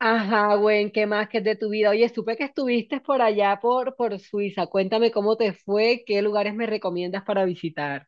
Ajá, güey, ¿qué más que es de tu vida? Oye, supe que estuviste por allá por Suiza. Cuéntame cómo te fue, qué lugares me recomiendas para visitar.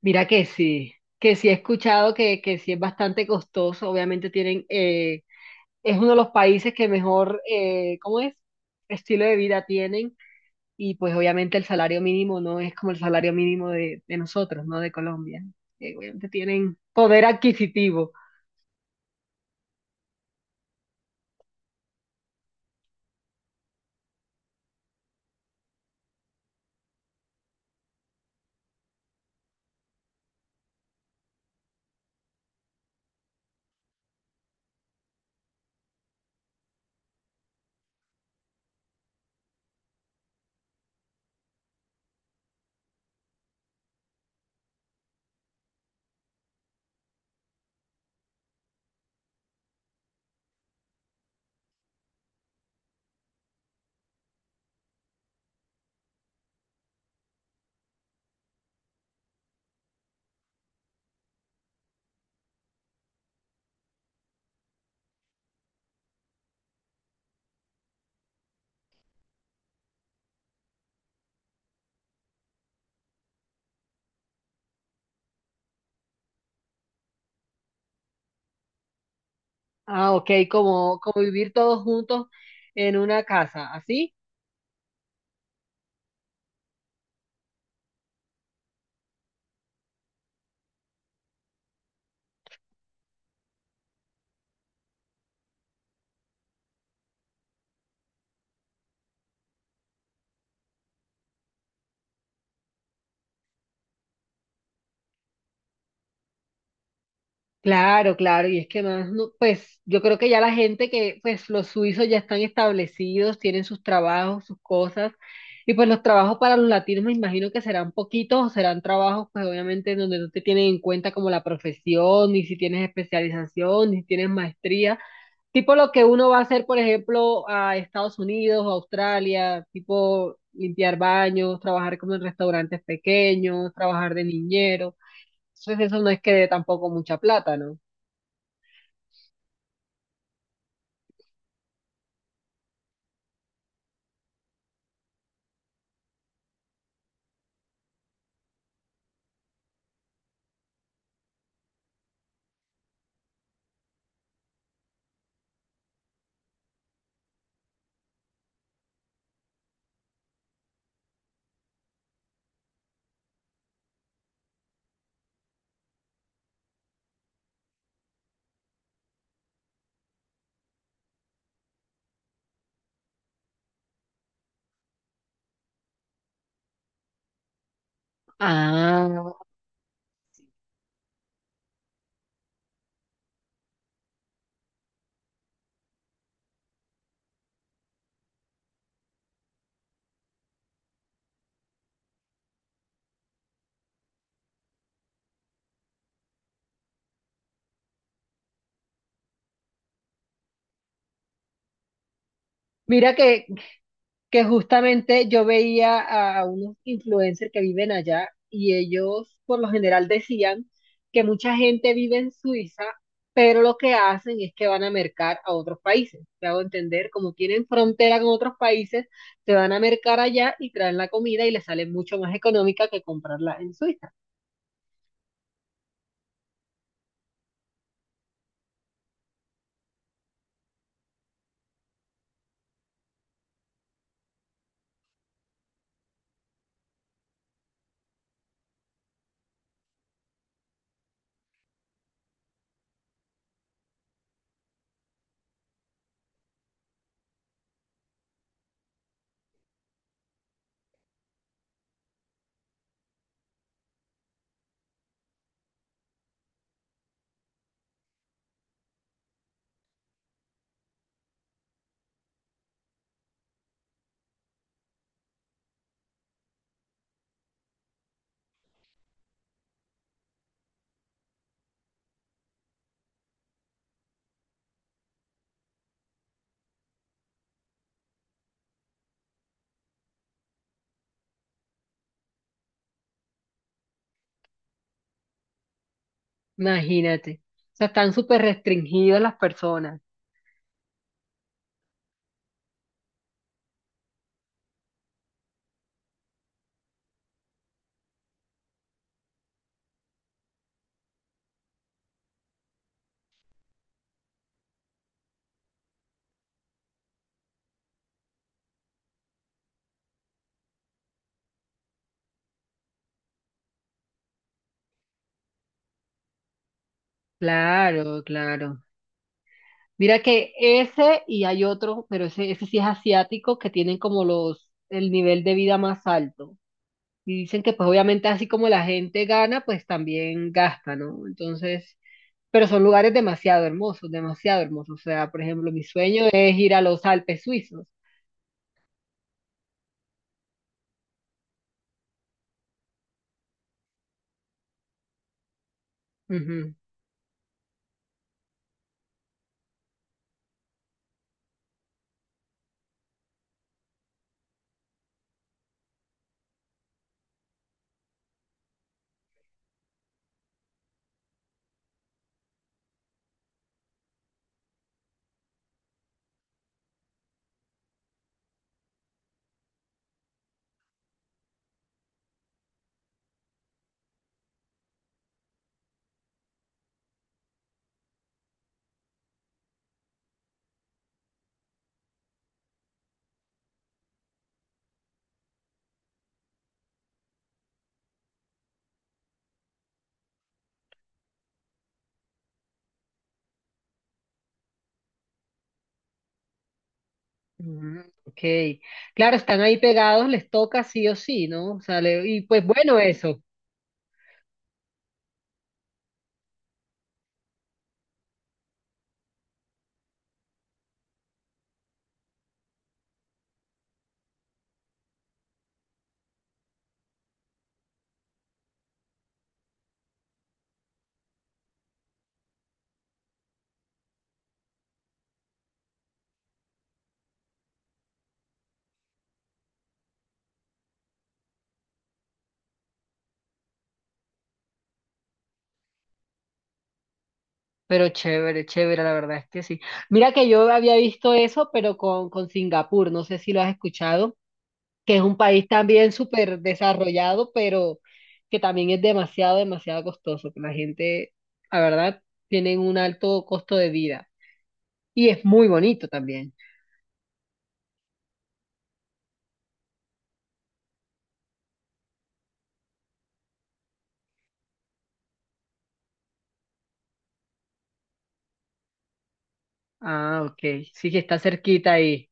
Mira que sí he escuchado que sí es bastante costoso. Obviamente tienen, es uno de los países que mejor, ¿cómo es? Estilo de vida tienen. Y pues obviamente el salario mínimo no es como el salario mínimo de nosotros, ¿no? De Colombia. Obviamente tienen poder adquisitivo. Ah, ok, como vivir todos juntos en una casa, ¿así? Claro, claro, y es que más, pues yo creo que ya la gente que, pues los suizos ya están establecidos, tienen sus trabajos, sus cosas, y pues los trabajos para los latinos me imagino que serán poquitos o serán trabajos, pues obviamente en donde no te tienen en cuenta como la profesión, ni si tienes especialización, ni si tienes maestría. Tipo lo que uno va a hacer, por ejemplo, a Estados Unidos o Australia, tipo limpiar baños, trabajar como en restaurantes pequeños, trabajar de niñero. Entonces eso no es que dé tampoco mucha plata, ¿no? Ah. Mira que justamente yo veía a unos influencers que viven allá y ellos por lo general decían que mucha gente vive en Suiza, pero lo que hacen es que van a mercar a otros países. Te hago entender, como tienen frontera con otros países, se van a mercar allá y traen la comida y les sale mucho más económica que comprarla en Suiza. Imagínate. O sea, están súper restringidas las personas. Claro, claro. Mira que ese y hay otro, pero ese sí es asiático, que tienen como el nivel de vida más alto. Y dicen que pues obviamente así como la gente gana, pues también gasta, ¿no? Entonces, pero son lugares demasiado hermosos, demasiado hermosos. O sea, por ejemplo, mi sueño es ir a los Alpes suizos. Ujú, ujú, ok. Claro, están ahí pegados, les toca sí o sí, ¿no? O sea, y pues bueno eso. Pero chévere, chévere, la verdad es que sí. Mira que yo había visto eso, pero con Singapur, no sé si lo has escuchado, que es un país también súper desarrollado, pero que también es demasiado, demasiado costoso, que la gente, la verdad, tienen un alto costo de vida. Y es muy bonito también. Ah, ok, sí que está cerquita ahí.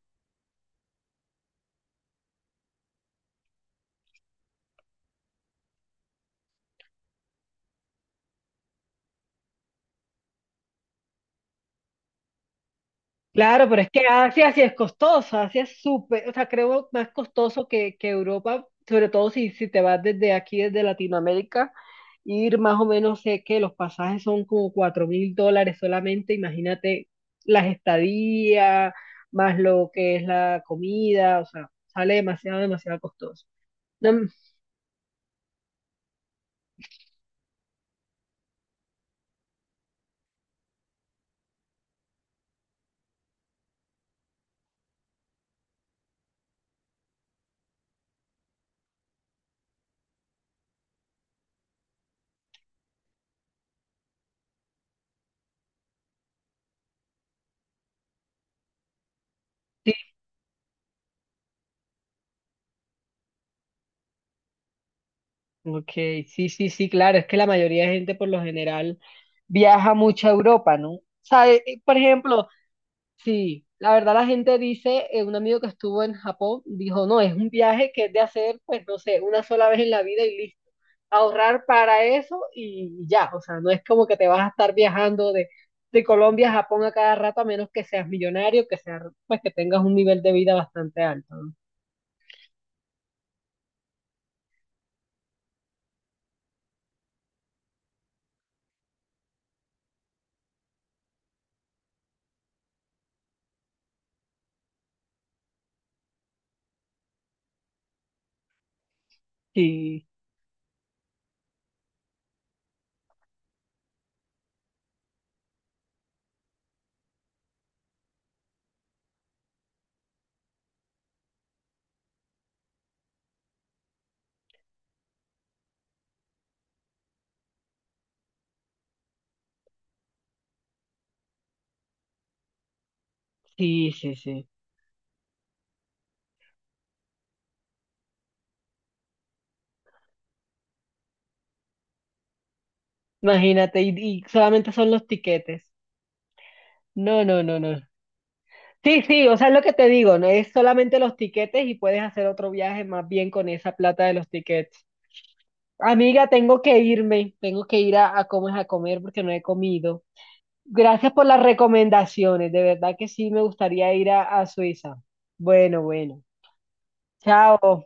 Claro, pero es que Asia sí es costoso, Asia es súper, o sea, creo más costoso que Europa, sobre todo si te vas desde aquí, desde Latinoamérica, ir más o menos, sé que los pasajes son como $4,000 solamente, imagínate las estadías, más lo que es la comida, o sea, sale demasiado, demasiado costoso. No, sí, ok, sí, sí, sí, claro, es que la mayoría de gente por lo general viaja mucho a Europa, ¿no? O sea, por ejemplo. Sí, la verdad la gente dice, un amigo que estuvo en Japón dijo, no, es un viaje que es de hacer, pues no sé, una sola vez en la vida y listo. Ahorrar para eso y ya, o sea, no es como que te vas a estar viajando de Colombia a Japón a cada rato, a menos que seas millonario, que seas, pues que tengas un nivel de vida bastante alto, ¿no? Sí, sí, sí, sí. Imagínate, y solamente son los tiquetes. No, no, no, no. Sí, sí, o sea, es lo que te digo, no es solamente los tiquetes y puedes hacer otro viaje más bien con esa plata de los tiquetes. Amiga, tengo que irme, tengo que ir a comer porque no he comido. Gracias por las recomendaciones, de verdad que sí me gustaría ir a Suiza. Bueno, bueno, chao.